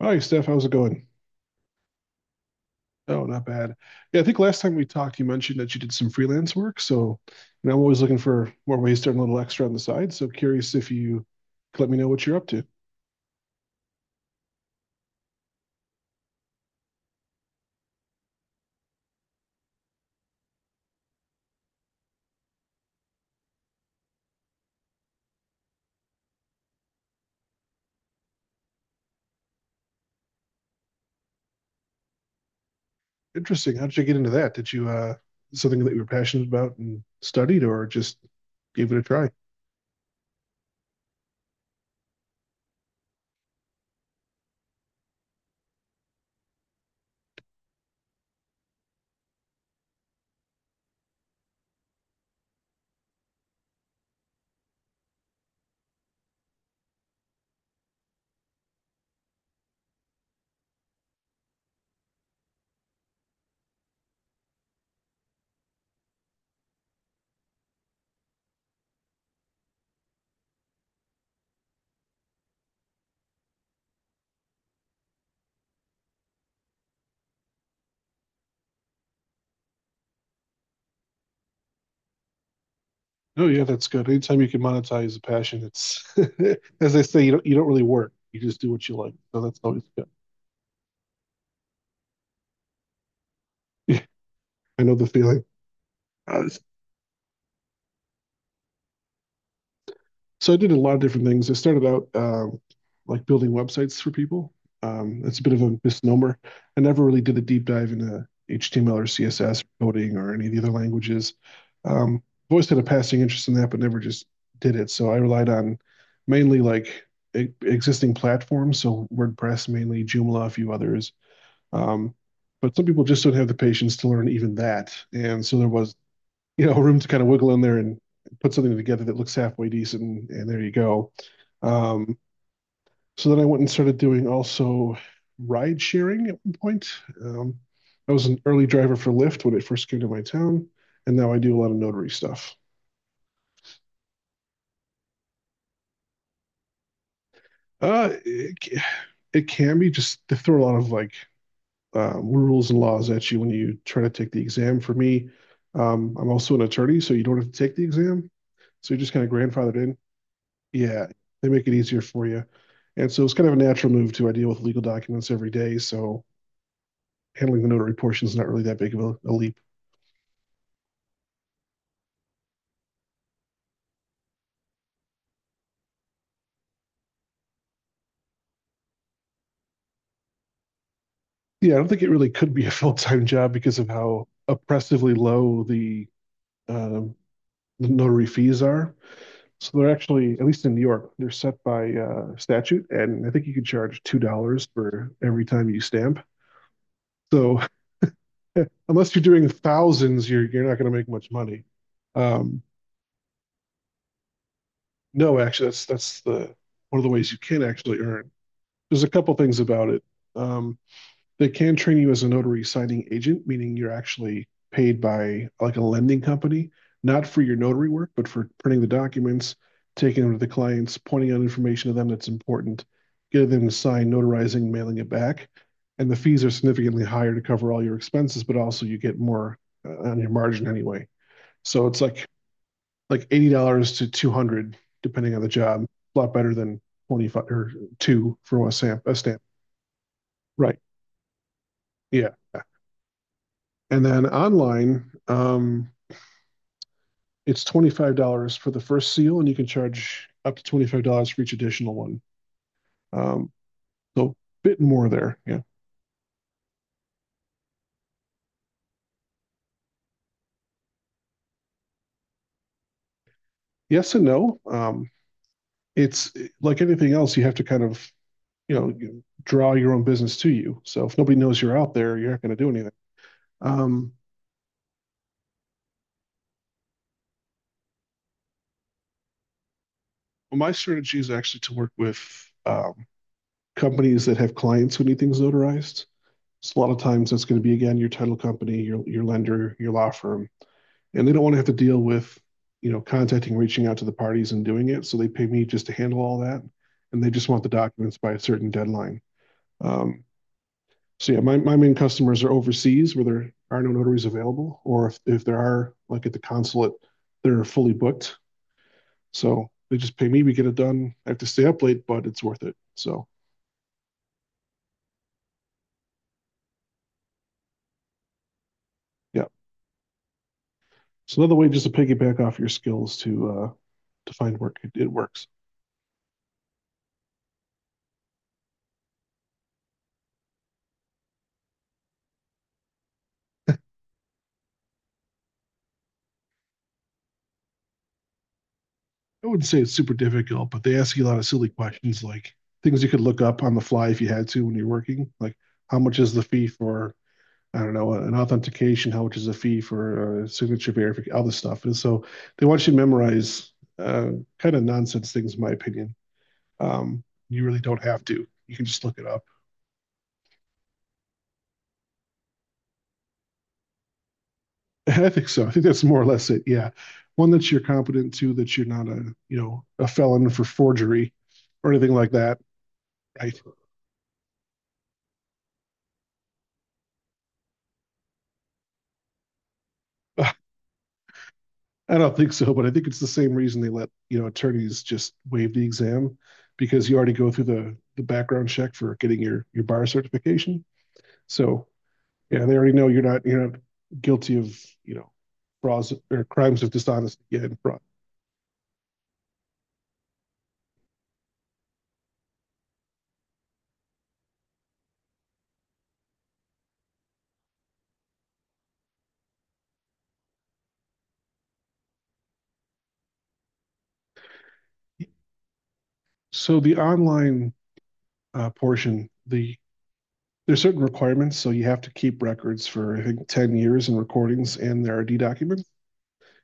Hi, Steph. How's it going? Oh, not bad. Yeah, I think last time we talked, you mentioned that you did some freelance work. So, I'm always looking for more ways to earn a little extra on the side. So curious if you could let me know what you're up to. Interesting. How did you get into that? Did you something that you were passionate about and studied or just gave it a try? Oh yeah, that's good. Anytime you can monetize a passion, it's as they say, you don't really work. You just do what you like. So that's always good. I know the feeling. So I did a lot of different things. I started out like building websites for people. It's a bit of a misnomer. I never really did a deep dive into HTML or CSS coding or any of the other languages. Um, I've always had a passing interest in that, but never just did it. So I relied on mainly e existing platforms, so WordPress mainly, Joomla, a few others. Um, but some people just don't have the patience to learn even that, and so there was room to kind of wiggle in there and put something together that looks halfway decent, and there you go. Um, so then I went and started doing also ride sharing at one point. Um, I was an early driver for Lyft when it first came to my town, and now I do a lot of notary stuff. Uh, it, it can be just they throw a lot of rules and laws at you when you try to take the exam. For me, I'm also an attorney, so you don't have to take the exam. So you're just kind of grandfathered in. Yeah, they make it easier for you. And so it's kind of a natural move to I deal with legal documents every day. So handling the notary portion is not really that big of a leap. Yeah, I don't think it really could be a full time job because of how oppressively low um, the notary fees are. So they're actually, at least in New York, they're set by statute. And I think you can charge $2 for every time you stamp. So unless you're doing thousands, you're not going to make much money. Um, no, actually, that's one of the ways you can actually earn there's a couple things about it. Um, they can train you as a notary signing agent, meaning you're actually paid by like a lending company, not for your notary work, but for printing the documents, taking them to the clients, pointing out information to them that's important, getting them to sign, notarizing, mailing it back. And the fees are significantly higher to cover all your expenses, but also you get more on your margin anyway. So it's like $80 to 200, dollars, depending on the job. A lot better than 25 or two for a stamp. A stamp. Right. Yeah. And then online, it's $25 for the first seal, and you can charge up to $25 for each additional one. Um, so a bit more there. Yeah. Yes and no. It's like anything else, you have to kind of, you know, you draw your own business to you. So if nobody knows you're out there, you're not going to do anything. Um, well, my strategy is actually to work with um, companies that have clients who need things notarized. So a lot of times that's going to be again your title company, your lender, your law firm, and they don't want to have to deal with contacting, reaching out to the parties, and doing it. So they pay me just to handle all that, and they just want the documents by a certain deadline. Um, so yeah, my main customers are overseas where there are no notaries available, or if there are, like at the consulate, they're fully booked. So they just pay me, we get it done. I have to stay up late, but it's worth it. So yeah, it's another way just to piggyback off your skills to find work. It works. I wouldn't say it's super difficult, but they ask you a lot of silly questions like things you could look up on the fly if you had to when you're working. Like, how much is the fee for, I don't know, an authentication? How much is the fee for signature verification? All this stuff. And so they want you to memorize uh, kind of nonsense things, in my opinion. Um, you really don't have to. You can just look it up. I think so. I think that's more or less it. Yeah. One that you're competent to, that you're not a, you know, a felon for forgery or anything like that. Right. I don't think so, but I think it's the same reason they let, you know, attorneys just waive the exam because you already go through the background check for getting your bar certification. So yeah, they already know you're not guilty of, you know, frauds or crimes of dishonesty, yeah, and fraud. So the online portion, there's certain requirements. So you have to keep records for I think 10 years and recordings and their RD documents.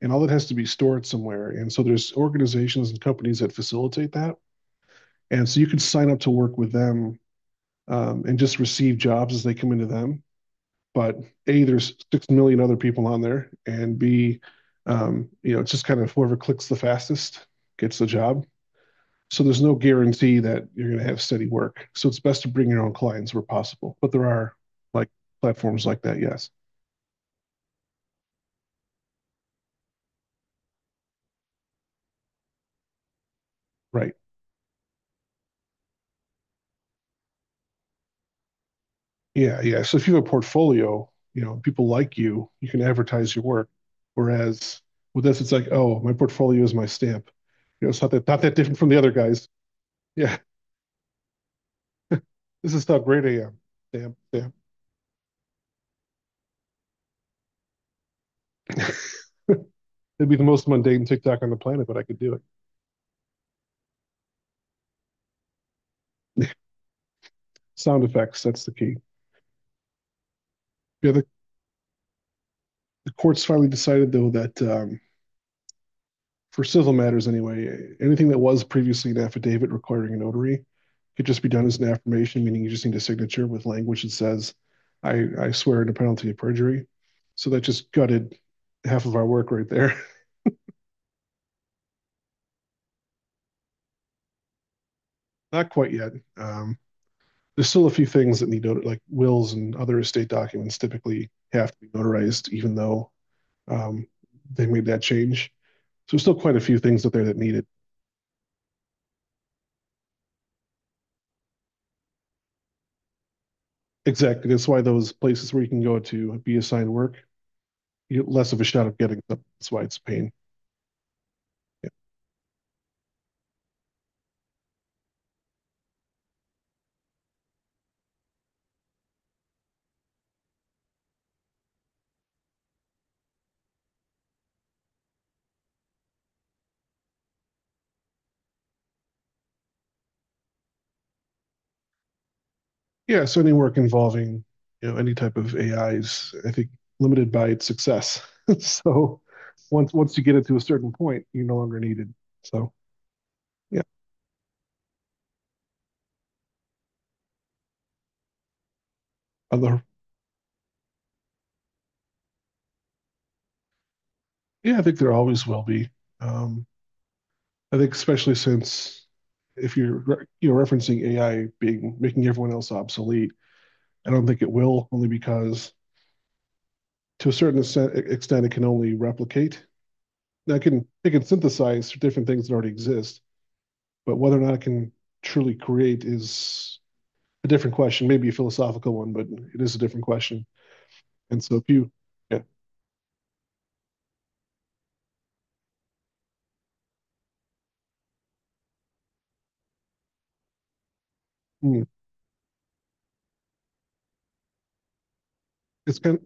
And all that has to be stored somewhere. And so there's organizations and companies that facilitate that. And so you can sign up to work with them, and just receive jobs as they come into them. But A, there's 6 million other people on there. And B, you know, it's just kind of whoever clicks the fastest gets the job. So there's no guarantee that you're going to have steady work. So it's best to bring your own clients where possible. But there are like platforms like that, yes. Right. Yeah, yeah. So if you have a portfolio, you know, people like you can advertise your work. Whereas with this, it's like, oh, my portfolio is my stamp. You know, it's not that different from the other guys. Yeah, this is how great I am. Stamp, stamp. It'd be the most mundane TikTok on the planet, but I could do it. Sound effects, that's the key. Yeah, the courts finally decided though that for civil matters anyway, anything that was previously an affidavit requiring a notary could just be done as an affirmation, meaning you just need a signature with language that says, I swear under penalty of perjury. So that just gutted half of our work right there. Not quite yet. Um, there's still a few things that need not- like wills and other estate documents typically have to be notarized, even though um, they made that change. So there's still quite a few things out there that need it. Exactly. That's why those places where you can go to be assigned work less of a shot of getting them. That's why it's a pain. Yeah. Yeah. So any work involving any type of AI is I think limited by its success. so once you get it to a certain point, you're no longer needed. So yeah, other yeah, I think there always will be. Um, I think especially since if you're referencing AI being making everyone else obsolete, I don't think it will only because to a certain extent it can only replicate. Now it can synthesize different things that already exist, but whether or not it can truly create is a different question, maybe a philosophical one, but it is a different question. And so if you, yeah, mm, it's kind of,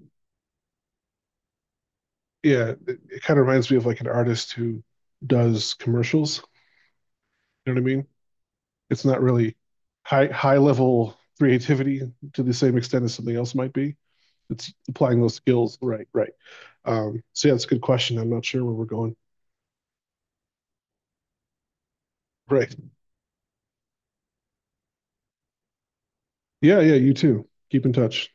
yeah, it kind of reminds me of like an artist who does commercials. You know what I mean? It's not really high level creativity to the same extent as something else might be. It's applying those skills. Right, right. So yeah, it's a good question. I'm not sure where we're going. Right. Yeah, yeah, you too. Keep in touch.